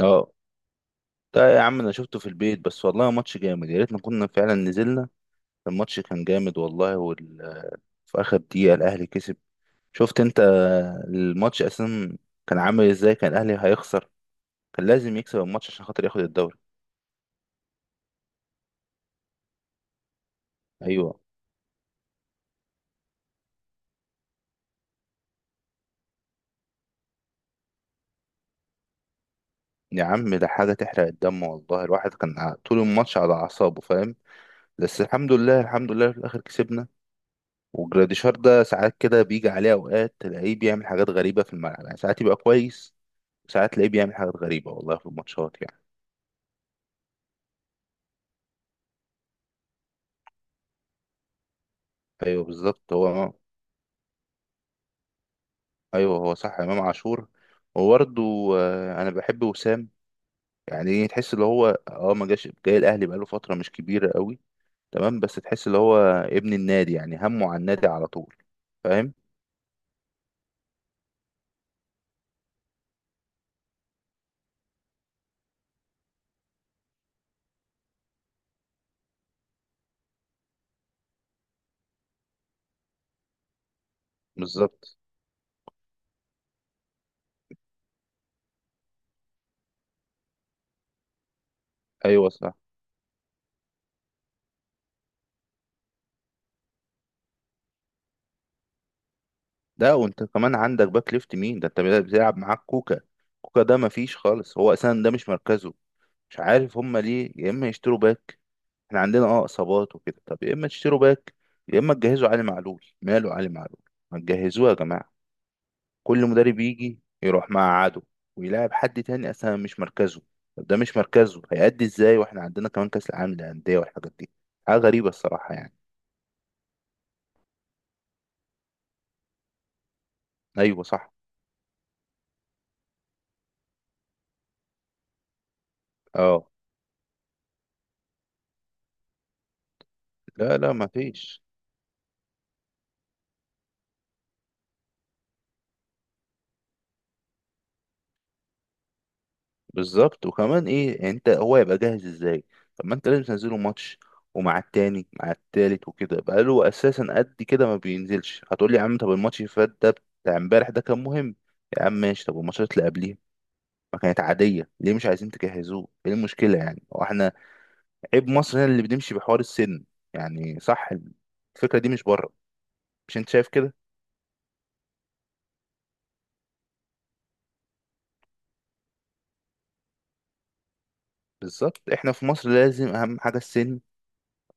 اه. ده يا عم انا شفته في البيت بس، والله ماتش جامد، يا ريتنا كنا فعلا نزلنا. الماتش كان جامد والله في اخر دقيقة الاهلي كسب. شفت انت الماتش اساسا كان عامل ازاي، كان الاهلي هيخسر، كان لازم يكسب الماتش عشان خاطر ياخد الدوري. ايوه، يا عم ده حاجة تحرق الدم والله، الواحد كان طول الماتش على اعصابه، فاهم. بس الحمد لله الحمد لله في الاخر كسبنا. وجراديشار ده ساعات كده بيجي عليه اوقات تلاقيه بيعمل حاجات غريبة في الملعب، يعني ساعات يبقى كويس، ساعات تلاقيه بيعمل حاجات غريبة والله في الماتشات يعني. أيوه بالظبط هو. أيوه هو صح إمام عاشور، وبرده أنا بحب وسام، يعني إيه، تحس اللي هو ما جاش، جاي الأهلي بقاله فترة مش كبيرة قوي، تمام. بس تحس اللي هو ابن النادي، يعني همه على النادي على طول، فاهم. بالظبط. أيوه صح. ده وأنت كمان عندك باك ليفت مين ده؟ أنت بتلعب معاك كوكا، كوكا ده مفيش خالص، هو أساسا ده مش مركزه. مش عارف هما ليه، يا إما يشتروا باك، احنا عندنا اصابات وكده، طب يا اما تشتروا باك، يا اما تجهزوا علي معلول، ماله علي معلول، ما تجهزوه يا جماعه. كل مدرب يجي يروح مع عدو، ويلاعب حد تاني اصلا مش مركزه. طب ده مش مركزه هيأدي ازاي، واحنا عندنا كمان كاس العالم للانديه والحاجات دي، حاجه غريبه الصراحه يعني. ايوه صح. اه لا لا ما فيش. بالظبط، وكمان ايه يعني، انت هو يبقى جاهز ازاي؟ طب ما انت لازم تنزله ماتش، ومع التاني مع التالت وكده، بقاله اساسا قد كده ما بينزلش، هتقول لي يا عم طب الماتش اللي فات ده بتاع امبارح ده كان مهم، يا عم ماشي، طب والماتشات اللي قبليها ما كانت عادية، ليه مش عايزين تجهزوه؟ ايه المشكلة يعني، هو احنا عيب مصر هنا اللي بنمشي بحوار السن، يعني صح. الفكرة دي مش بره، مش انت شايف كده؟ بالظبط، احنا في مصر لازم اهم حاجة السن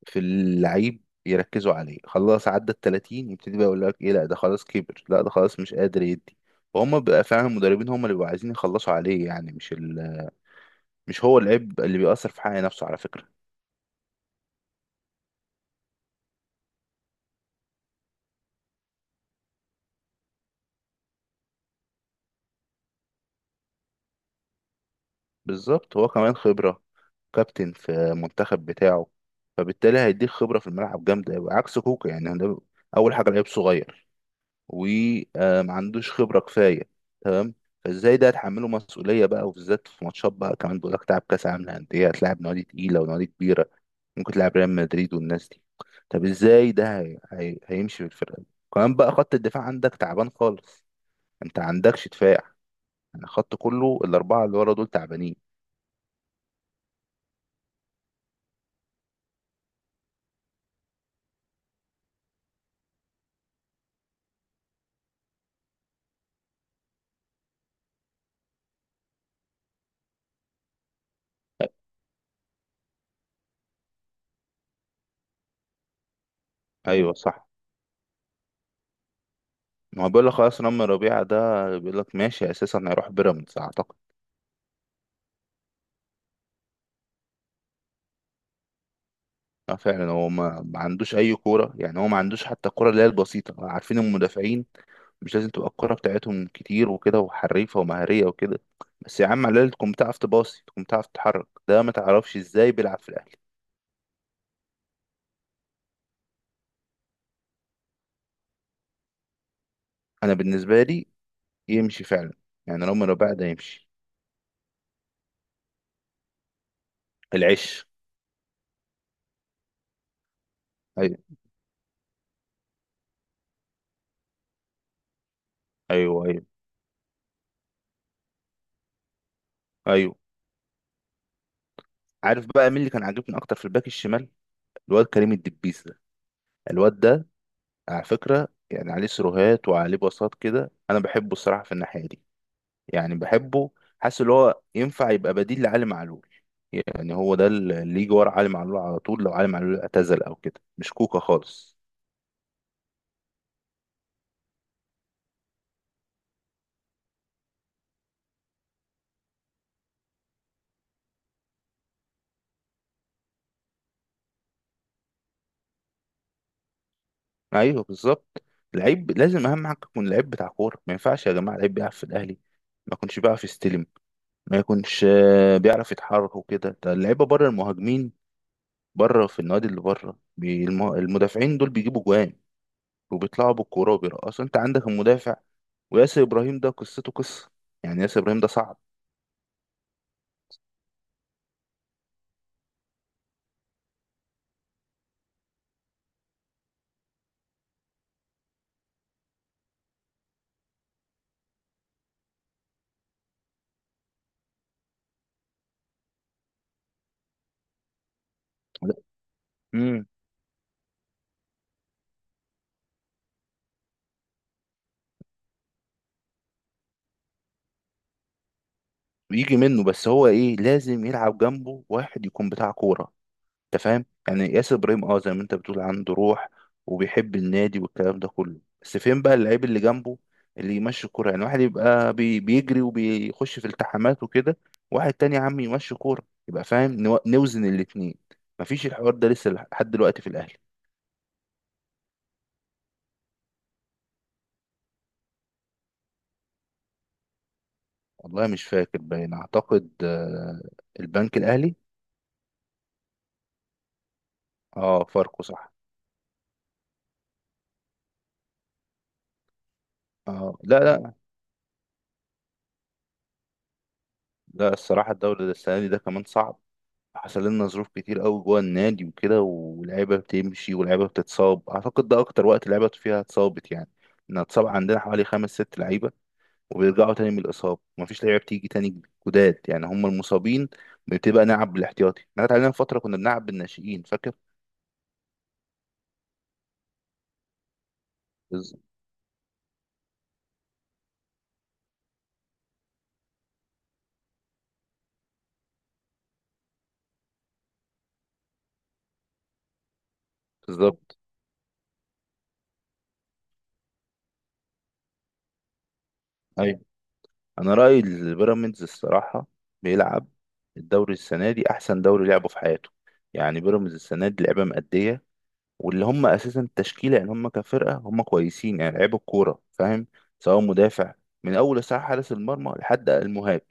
في اللعيب يركزوا عليه، خلاص عدى ال 30 يبتدي بقى يقول لك ايه، لا ده خلاص كبر، لا ده خلاص مش قادر يدي. وهم بقى فعلا المدربين هم اللي بيبقوا عايزين يخلصوا عليه، يعني مش هو العيب اللي بيأثر في حق نفسه على فكرة. بالظبط هو كمان خبرة، كابتن في منتخب بتاعه، فبالتالي هيديك خبرة في الملعب جامدة أوي، عكس كوكا يعني ده أول حاجة لعيب صغير، وما عندوش خبرة كفاية، تمام. فازاي ده هتحمله مسؤولية بقى، وبالذات في ماتشات بقى، كمان بيقول لك تلعب كأس عالم للأندية، هتلاعب نوادي تقيلة ونوادي كبيرة، ممكن تلعب ريال مدريد والناس دي. طب ازاي ده هيمشي بالفرقة دي، كمان بقى خط الدفاع عندك تعبان خالص، انت عندكش دفاع، يعني خط كله الأربعة اللي ورا دول تعبانين. ايوه صح، ما هو بيقول لك خلاص رامي ربيعة ده، بيقول لك ماشي اساسا هيروح بيراميدز اعتقد. اه فعلا هو ما عندوش اي كوره، يعني هو ما عندوش حتى الكوره اللي هي البسيطه، عارفين المدافعين مش لازم تبقى الكوره بتاعتهم كتير وكده وحريفه ومهاريه وكده، بس يا عم على الاقل تكون بتعرف تباصي، تكون بتعرف تتحرك، ده ما تعرفش ازاي بيلعب في الاهلي. انا بالنسبه لي يمشي فعلا، يعني لو مربع ده يمشي. العش. ايوه ايوه ايوه ايوه. عارف بقى مين اللي كان عاجبني اكتر في الباك الشمال؟ الواد كريم الدبيس ده، الواد ده على فكره، يعني عليه سيروهات وعليه باصات كده، انا بحبه الصراحه في الناحيه دي، يعني بحبه. حاسس اللي هو ينفع يبقى بديل لعلي معلول، يعني هو ده اللي يجي ورا علي معلول على طول، لو علي معلول اعتزل او كده، مش كوكا خالص. ايوه بالظبط. لعيب لازم اهم حاجه يكون لعيب بتاع كوره، ما ينفعش يا جماعه لعيب بيلعب في الاهلي ما يكونش بيعرف يستلم، ما يكونش بيعرف يتحرك وكده. ده اللعيبه بره المهاجمين، بره في النادي اللي بره المدافعين دول بيجيبوا جوان، وبيطلعوا بالكوره وبيرقصوا، انت عندك المدافع وياسر ابراهيم ده قصته قصه، يعني ياسر ابراهيم ده صعب يجي منه، بس هو ايه لازم يلعب جنبه واحد يكون بتاع كوره. انت فاهم، يعني ياسر ابراهيم زي ما انت بتقول عنده روح، وبيحب النادي والكلام ده كله، بس فين بقى اللعيب اللي جنبه، اللي يمشي الكوره، يعني واحد يبقى بيجري وبيخش في التحامات وكده، واحد تاني يا عم يمشي كوره، يبقى فاهم نوزن الاتنين. مفيش الحوار ده لسه لحد دلوقتي في الاهلي. والله مش فاكر، باين اعتقد البنك الاهلي. اه فاركو صح. اه لا لا. لا الصراحه الدوري ده السنه دي ده كمان صعب، حصل لنا ظروف كتير قوي جوه النادي وكده، ولعيبه بتمشي ولعيبه بتتصاب، اعتقد ده اكتر وقت لعيبه فيها اتصابت، يعني ان اتصاب عندنا حوالي 5 6 لعيبه، وبيرجعوا تاني من الاصابه ومفيش لعيبه بتيجي تاني جداد، يعني هم المصابين بتبقى نلعب بالاحتياطي، احنا اتعلمنا فتره كنا بنلعب بالناشئين، فاكر. بز- بالظبط. ايوه. انا رايي البيراميدز الصراحه بيلعب الدوري السنه دي احسن دوري لعبه في حياته، يعني بيراميدز السنه دي لعبه مأديه، واللي هم اساسا التشكيله يعني هم كفرقه هم كويسين، يعني لعيب الكوره فاهم، سواء مدافع من اول ساعه حارس المرمى لحد المهاجم،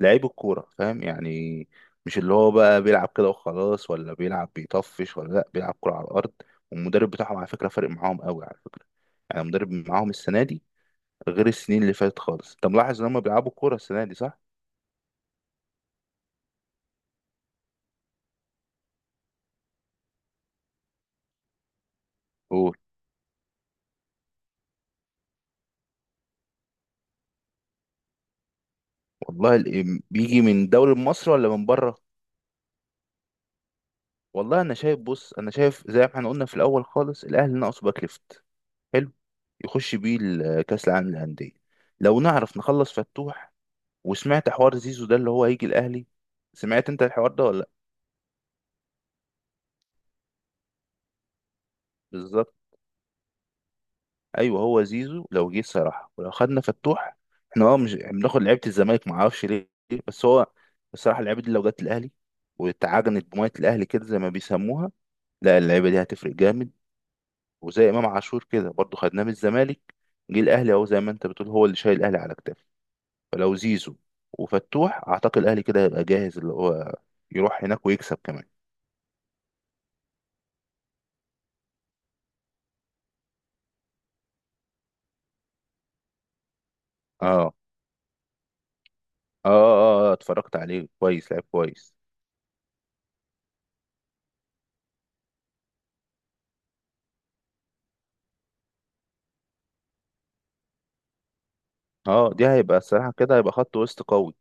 لعيب الكوره فاهم يعني، مش اللي هو بقى بيلعب كده وخلاص ولا بيلعب بيطفش ولا لا بيلعب كوره على الارض. والمدرب بتاعهم على فكره فارق معاهم قوي، على فكره يعني المدرب معاهم السنه دي غير السنين اللي فاتت خالص، انت ملاحظ ان هم بيلعبوا كوره السنه دي صح؟ قول. والله بيجي من دوري مصر ولا من بره؟ والله انا شايف، بص انا شايف زي ما احنا قلنا في الاول خالص الاهلي ناقصه باك ليفت، حلو يخش بيه كاس العالم للانديه، لو نعرف نخلص فتوح، وسمعت حوار زيزو ده اللي هو هيجي الاهلي، سمعت انت الحوار ده ولا لا؟ بالظبط. ايوه هو زيزو لو جه الصراحه، ولو خدنا فتوح، احنا مش بناخد لعيبه الزمالك ما اعرفش ليه، بس هو الصراحه اللعيبه دي لو جت الاهلي، واتعجنت بميه الاهلي كده زي ما بيسموها، لا اللعيبه دي هتفرق جامد، وزي امام عاشور كده برضه خدناه من الزمالك، جه الاهلي اهو، زي ما انت بتقول هو اللي شايل الاهلي على كتافه، فلو زيزو وفتوح اعتقد الاهلي كده هيبقى جاهز اللي هو يروح هناك ويكسب كمان. اه اه. اه, آه اتفرجت عليه كويس، لعب كويس. اه دي هيبقى الصراحه كده، هيبقى خط وسط قوي.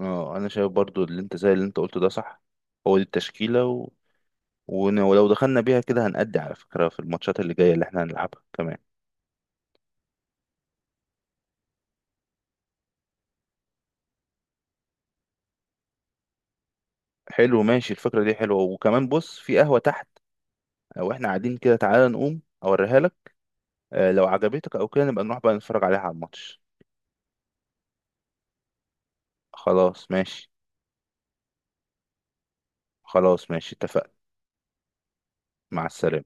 اه انا شايف برضو اللي انت، زي اللي انت قلته ده صح، هو دي التشكيله ولو دخلنا بيها كده هنأدي على فكره في الماتشات اللي جايه اللي احنا هنلعبها كمان. حلو ماشي، الفكره دي حلوه، وكمان بص في قهوه تحت، لو احنا قاعدين كده تعالى نقوم اوريها لك، لو عجبتك او كده نبقى نروح بقى نتفرج عليها على الماتش. خلاص ماشي. خلاص ماشي اتفقنا. مع السلامة.